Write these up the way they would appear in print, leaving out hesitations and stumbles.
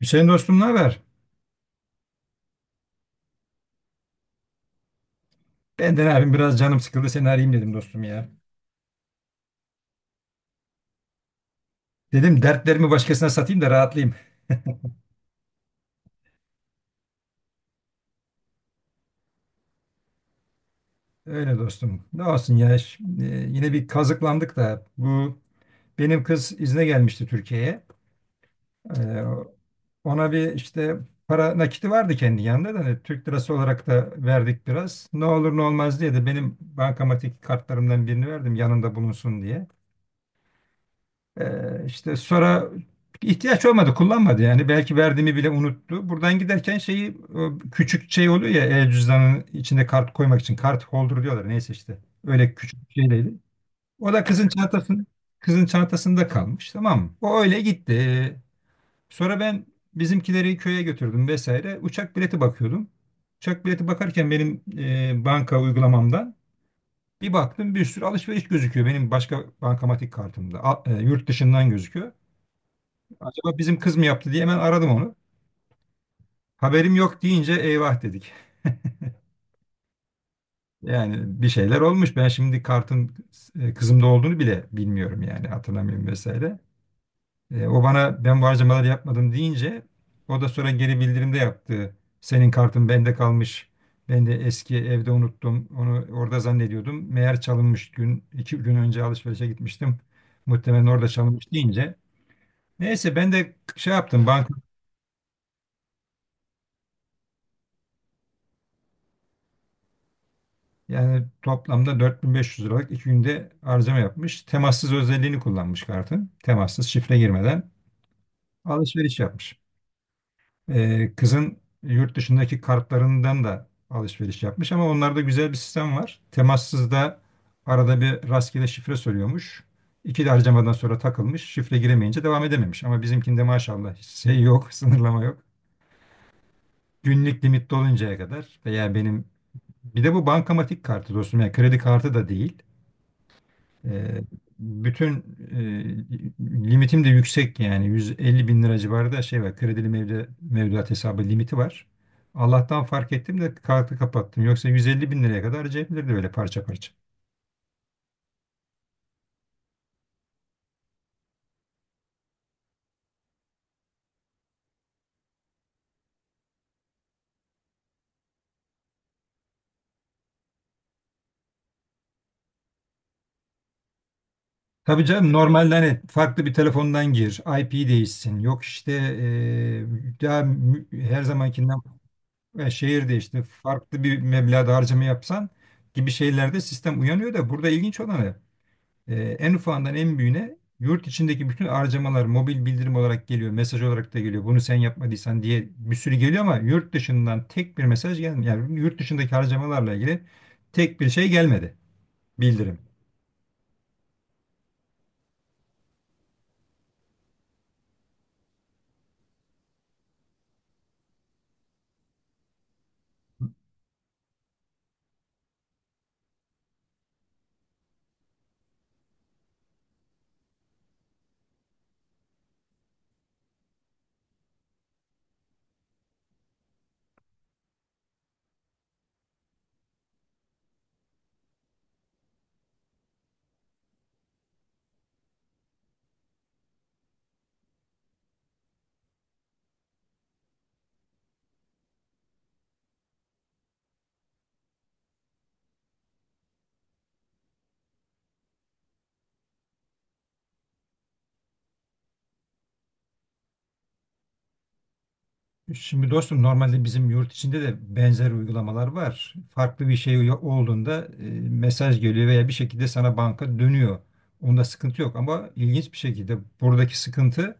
Hüseyin dostum, ne haber? Benden abim biraz canım sıkıldı, seni arayayım dedim dostum ya. Dedim dertlerimi başkasına satayım da rahatlayayım. Öyle dostum. Ne olsun ya, şimdi yine bir kazıklandık da bu benim kız izne gelmişti Türkiye'ye. Ee, ona bir işte para nakiti vardı kendi yanında da hani Türk lirası olarak da verdik biraz. Ne olur ne olmaz diye de benim bankamatik kartlarımdan birini verdim yanında bulunsun diye. İşte sonra ihtiyaç olmadı, kullanmadı yani. Belki verdiğimi bile unuttu. Buradan giderken şeyi, o küçük şey oluyor ya, el cüzdanının içine kart koymak için kart holder diyorlar. Neyse işte. Öyle küçük bir şeyleydi. O da kızın çantasında kalmış, tamam mı? O öyle gitti. Sonra ben bizimkileri köye götürdüm vesaire. Uçak bileti bakıyordum. Uçak bileti bakarken benim banka uygulamamdan bir baktım, bir sürü alışveriş gözüküyor benim başka bankamatik kartımda. Yurt dışından gözüküyor. Acaba bizim kız mı yaptı diye hemen aradım onu. Haberim yok deyince eyvah dedik. Yani bir şeyler olmuş. Ben şimdi kartın kızımda olduğunu bile bilmiyorum yani, hatırlamıyorum vesaire. O bana ben bu harcamaları yapmadım deyince, o da sonra geri bildirimde yaptı. Senin kartın bende kalmış. Ben de eski evde unuttum. Onu orada zannediyordum. Meğer çalınmış, iki gün önce alışverişe gitmiştim. Muhtemelen orada çalınmış deyince. Neyse ben de şey yaptım. Yani toplamda 4.500 liralık iki günde harcama yapmış. Temassız özelliğini kullanmış kartın. Temassız şifre girmeden alışveriş yapmış. Kızın yurt dışındaki kartlarından da alışveriş yapmış ama onlarda güzel bir sistem var. Temassızda arada bir rastgele şifre soruyormuş. İki de harcamadan sonra takılmış. Şifre giremeyince devam edememiş. Ama bizimkinde maşallah hiç şey yok, sınırlama yok. Günlük limit doluncaya kadar veya benim, bir de bu bankamatik kartı dostum yani, kredi kartı da değil. Ee, bütün limitim de yüksek yani, 150 bin lira civarı da şey var, kredili mevduat hesabı limiti var. Allah'tan fark ettim de kartı kapattım. Yoksa 150 bin liraya kadar harcayabilirdi böyle parça parça. Tabii canım, normalde hani farklı bir telefondan gir, IP değişsin. Yok işte daha her zamankinden şehir değişti. Farklı bir meblağda harcama yapsan gibi şeylerde sistem uyanıyor da, burada ilginç olanı, en ufağından en büyüğüne yurt içindeki bütün harcamalar mobil bildirim olarak geliyor, mesaj olarak da geliyor. Bunu sen yapmadıysan diye bir sürü geliyor ama yurt dışından tek bir mesaj gelmiyor. Yani yurt dışındaki harcamalarla ilgili tek bir şey gelmedi, bildirim. Şimdi dostum, normalde bizim yurt içinde de benzer uygulamalar var. Farklı bir şey olduğunda mesaj geliyor veya bir şekilde sana banka dönüyor. Onda sıkıntı yok ama ilginç bir şekilde buradaki sıkıntı,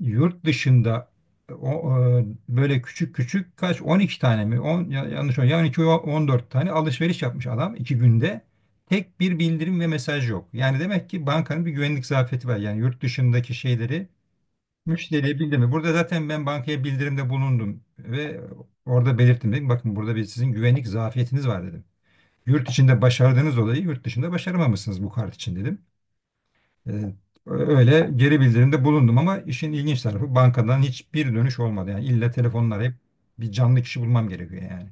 yurt dışında böyle küçük küçük, kaç 12 tane mi, 10 yanlış mı yani, iki on dört tane alışveriş yapmış adam iki günde, tek bir bildirim ve mesaj yok. Yani demek ki bankanın bir güvenlik zafiyeti var. Yani yurt dışındaki şeyleri müşteriye bildirme. Burada zaten ben bankaya bildirimde bulundum ve orada belirttim, dedim. Bakın, burada bir sizin güvenlik zafiyetiniz var dedim. Yurt içinde başardığınız olayı yurt dışında başaramamışsınız bu kart için dedim. E, öyle geri bildirimde bulundum ama işin ilginç tarafı bankadan hiçbir dönüş olmadı. Yani illa telefonla arayıp bir canlı kişi bulmam gerekiyor yani.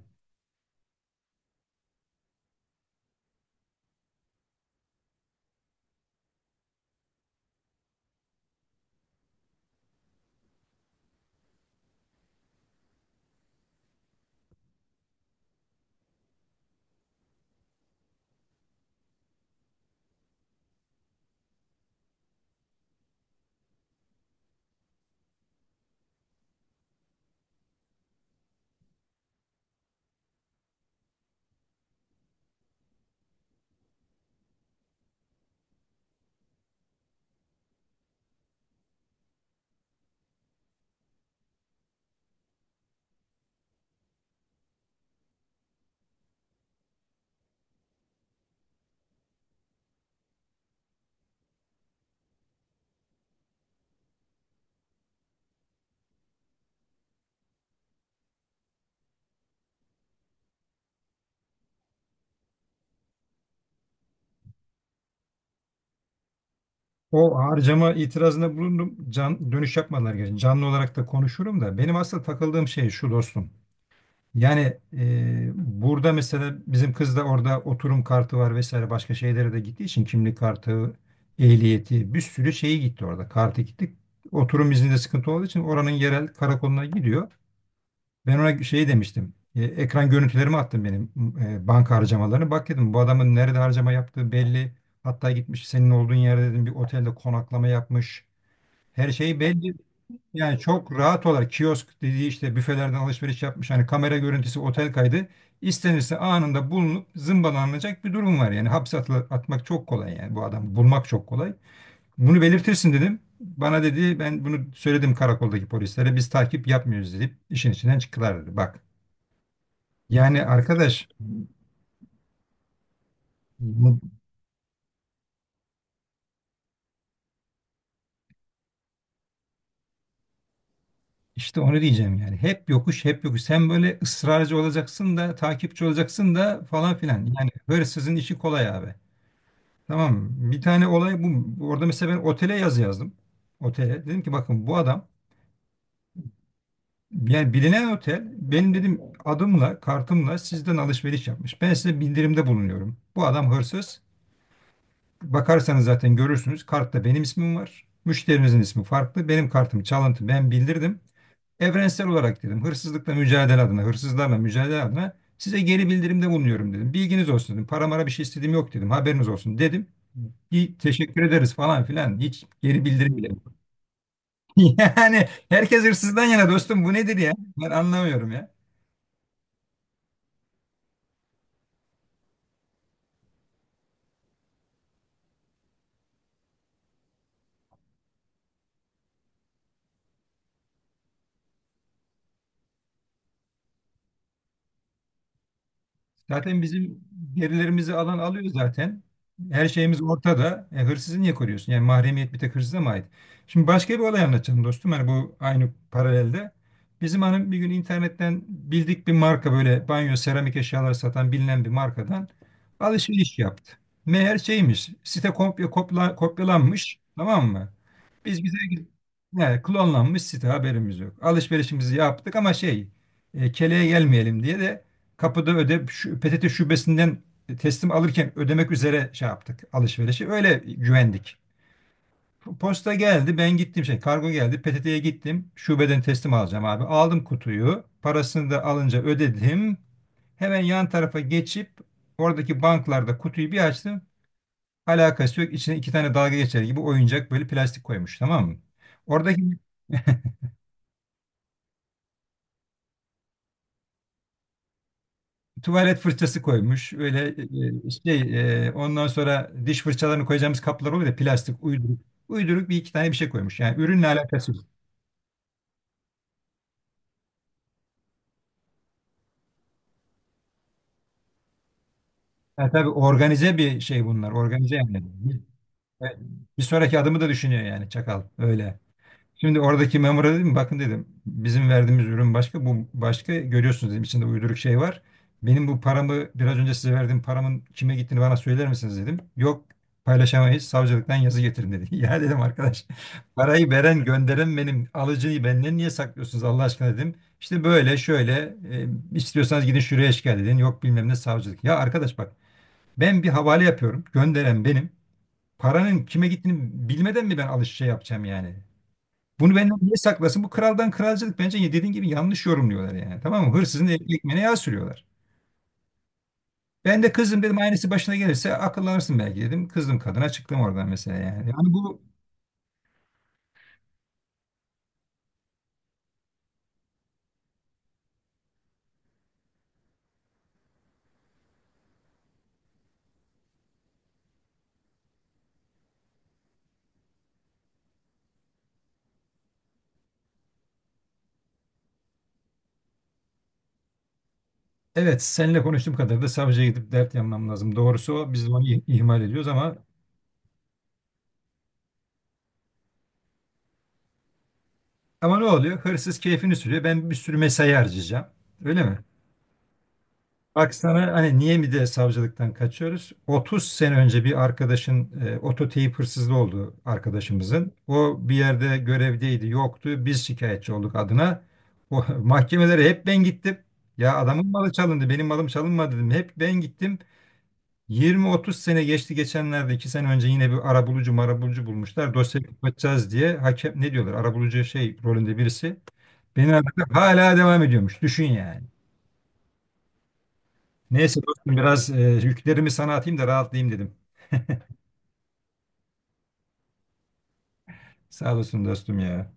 O harcama itirazında bulundum. Dönüş yapmadılar gerçi. Canlı olarak da konuşurum da. Benim asıl takıldığım şey şu dostum. Yani burada mesela bizim kız da orada oturum kartı var vesaire, başka şeylere de gittiği için kimlik kartı, ehliyeti, bir sürü şeyi gitti orada. Kartı gitti. Oturum izninde sıkıntı olduğu için oranın yerel karakoluna gidiyor. Ben ona şey demiştim. Ekran görüntülerimi attım benim banka harcamalarını. Bak dedim, bu adamın nerede harcama yaptığı belli. Hatta gitmiş senin olduğun yerde dedim, bir otelde konaklama yapmış. Her şey belli. Yani çok rahat olarak kiosk dediği işte büfelerden alışveriş yapmış. Hani kamera görüntüsü, otel kaydı. İstenirse anında bulunup zımbalanacak bir durum var. Yani hapse atmak çok kolay yani, bu adamı bulmak çok kolay. Bunu belirtirsin dedim. Bana dedi ben bunu söyledim karakoldaki polislere, biz takip yapmıyoruz deyip işin içinden çıktılar dedi. Bak yani arkadaş, bu- işte onu diyeceğim yani. Hep yokuş, hep yokuş. Sen böyle ısrarcı olacaksın da, takipçi olacaksın da falan filan. Yani hırsızın işi kolay abi. Tamam mı? Bir tane olay bu. Orada mesela ben otele yazı yazdım. Otele. Dedim ki bakın bu adam, yani bilinen otel, benim dedim adımla kartımla sizden alışveriş yapmış. Ben size bildirimde bulunuyorum. Bu adam hırsız. Bakarsanız zaten görürsünüz. Kartta benim ismim var. Müşterinizin ismi farklı. Benim kartım çalıntı. Ben bildirdim. Evrensel olarak dedim, hırsızlıkla mücadele adına, hırsızlarla mücadele adına size geri bildirimde bulunuyorum dedim. Bilginiz olsun dedim. Para mara bir şey istediğim yok dedim. Haberiniz olsun dedim. İyi, teşekkür ederiz falan filan. Hiç geri bildirim bile yok. Yani herkes hırsızdan yana dostum, bu nedir ya? Ben anlamıyorum ya. Zaten bizim gerilerimizi alan alıyor zaten. Her şeyimiz ortada. E, hırsızı niye koruyorsun? Yani mahremiyet bir tek hırsıza mı ait? Şimdi başka bir olay anlatacağım dostum. Hani bu aynı paralelde. Bizim hanım bir gün internetten bildik bir marka, böyle banyo seramik eşyalar satan bilinen bir markadan alışveriş yaptı. Meğer şeymiş, site kopyalanmış, tamam mı? Biz bize he, klonlanmış site haberimiz yok. Alışverişimizi yaptık ama şey, keleğe gelmeyelim diye de kapıda öde, PTT şubesinden teslim alırken ödemek üzere şey yaptık alışverişi. Öyle güvendik. Posta geldi, ben gittim şey, kargo geldi, PTT'ye gittim, şubeden teslim alacağım abi. Aldım kutuyu, parasını da alınca ödedim. Hemen yan tarafa geçip oradaki banklarda kutuyu bir açtım. Alakası yok. İçine iki tane dalga geçer gibi oyuncak böyle plastik koymuş, tamam mı? Oradaki tuvalet fırçası koymuş. Öyle e, ondan sonra diş fırçalarını koyacağımız kaplar oluyor ya, plastik uyduruk. Uyduruk bir iki tane bir şey koymuş. Yani ürünle alakası yok. Yani tabii organize bir şey bunlar. Organize yani. Bir sonraki adımı da düşünüyor yani çakal. Öyle. Şimdi oradaki memura dedim, bakın dedim bizim verdiğimiz ürün başka, bu başka, görüyorsunuz dedim içinde uyduruk şey var. Benim bu paramı, biraz önce size verdiğim paramın kime gittiğini bana söyler misiniz dedim. Yok, paylaşamayız, savcılıktan yazı getirin dedi. Ya dedim arkadaş, parayı veren gönderen benim, alıcıyı benden niye saklıyorsunuz Allah aşkına dedim. İşte böyle şöyle, e, istiyorsanız gidin şuraya şikayet edin, yok bilmem ne savcılık. Ya arkadaş bak, ben bir havale yapıyorum, gönderen benim, paranın kime gittiğini bilmeden mi ben alış şey yapacağım yani. Bunu benden niye saklasın? Bu kraldan kralcılık bence ya, dediğin gibi yanlış yorumluyorlar yani. Tamam mı? Hırsızın ekmeğine yağ sürüyorlar. Ben de kızım dedim, aynısı başına gelirse akıllanırsın belki dedim. Kızdım kadına, çıktım oradan mesela yani. Yani bu, evet, seninle konuştuğum kadar da savcıya gidip dert yanmam lazım. Doğrusu o, biz de onu ihmal ediyoruz ama ne oluyor? Hırsız keyfini sürüyor. Ben bir sürü mesai harcayacağım. Öyle mi? Bak sana hani niye mi de savcılıktan kaçıyoruz? 30 sene önce bir arkadaşın ototeyip hırsızlığı oldu arkadaşımızın. O bir yerde görevdeydi, yoktu. Biz şikayetçi olduk adına. O, mahkemelere hep ben gittim. Ya adamın malı çalındı, benim malım çalınmadı dedim. Hep ben gittim. 20-30 sene geçti, geçenlerde 2 sene önce yine bir arabulucu marabulucu bulmuşlar. Dosyayı kapatacağız diye, hakem ne diyorlar, arabulucu şey rolünde birisi. Beni aradı, hala devam ediyormuş. Düşün yani. Neyse dostum, biraz yüklerimi sana atayım da rahatlayayım dedim. Sağ olasın dostum ya.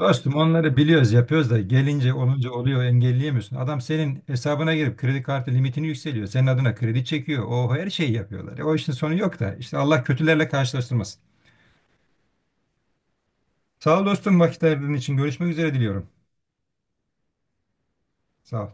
Dostum onları biliyoruz, yapıyoruz da gelince olunca oluyor, engelleyemiyorsun. Adam senin hesabına girip kredi kartı limitini yükseliyor. Senin adına kredi çekiyor. O her şeyi yapıyorlar. E, o işin sonu yok da işte, Allah kötülerle karşılaştırmasın. Sağ ol dostum vakit ayırdığın için, görüşmek üzere diliyorum. Sağ ol.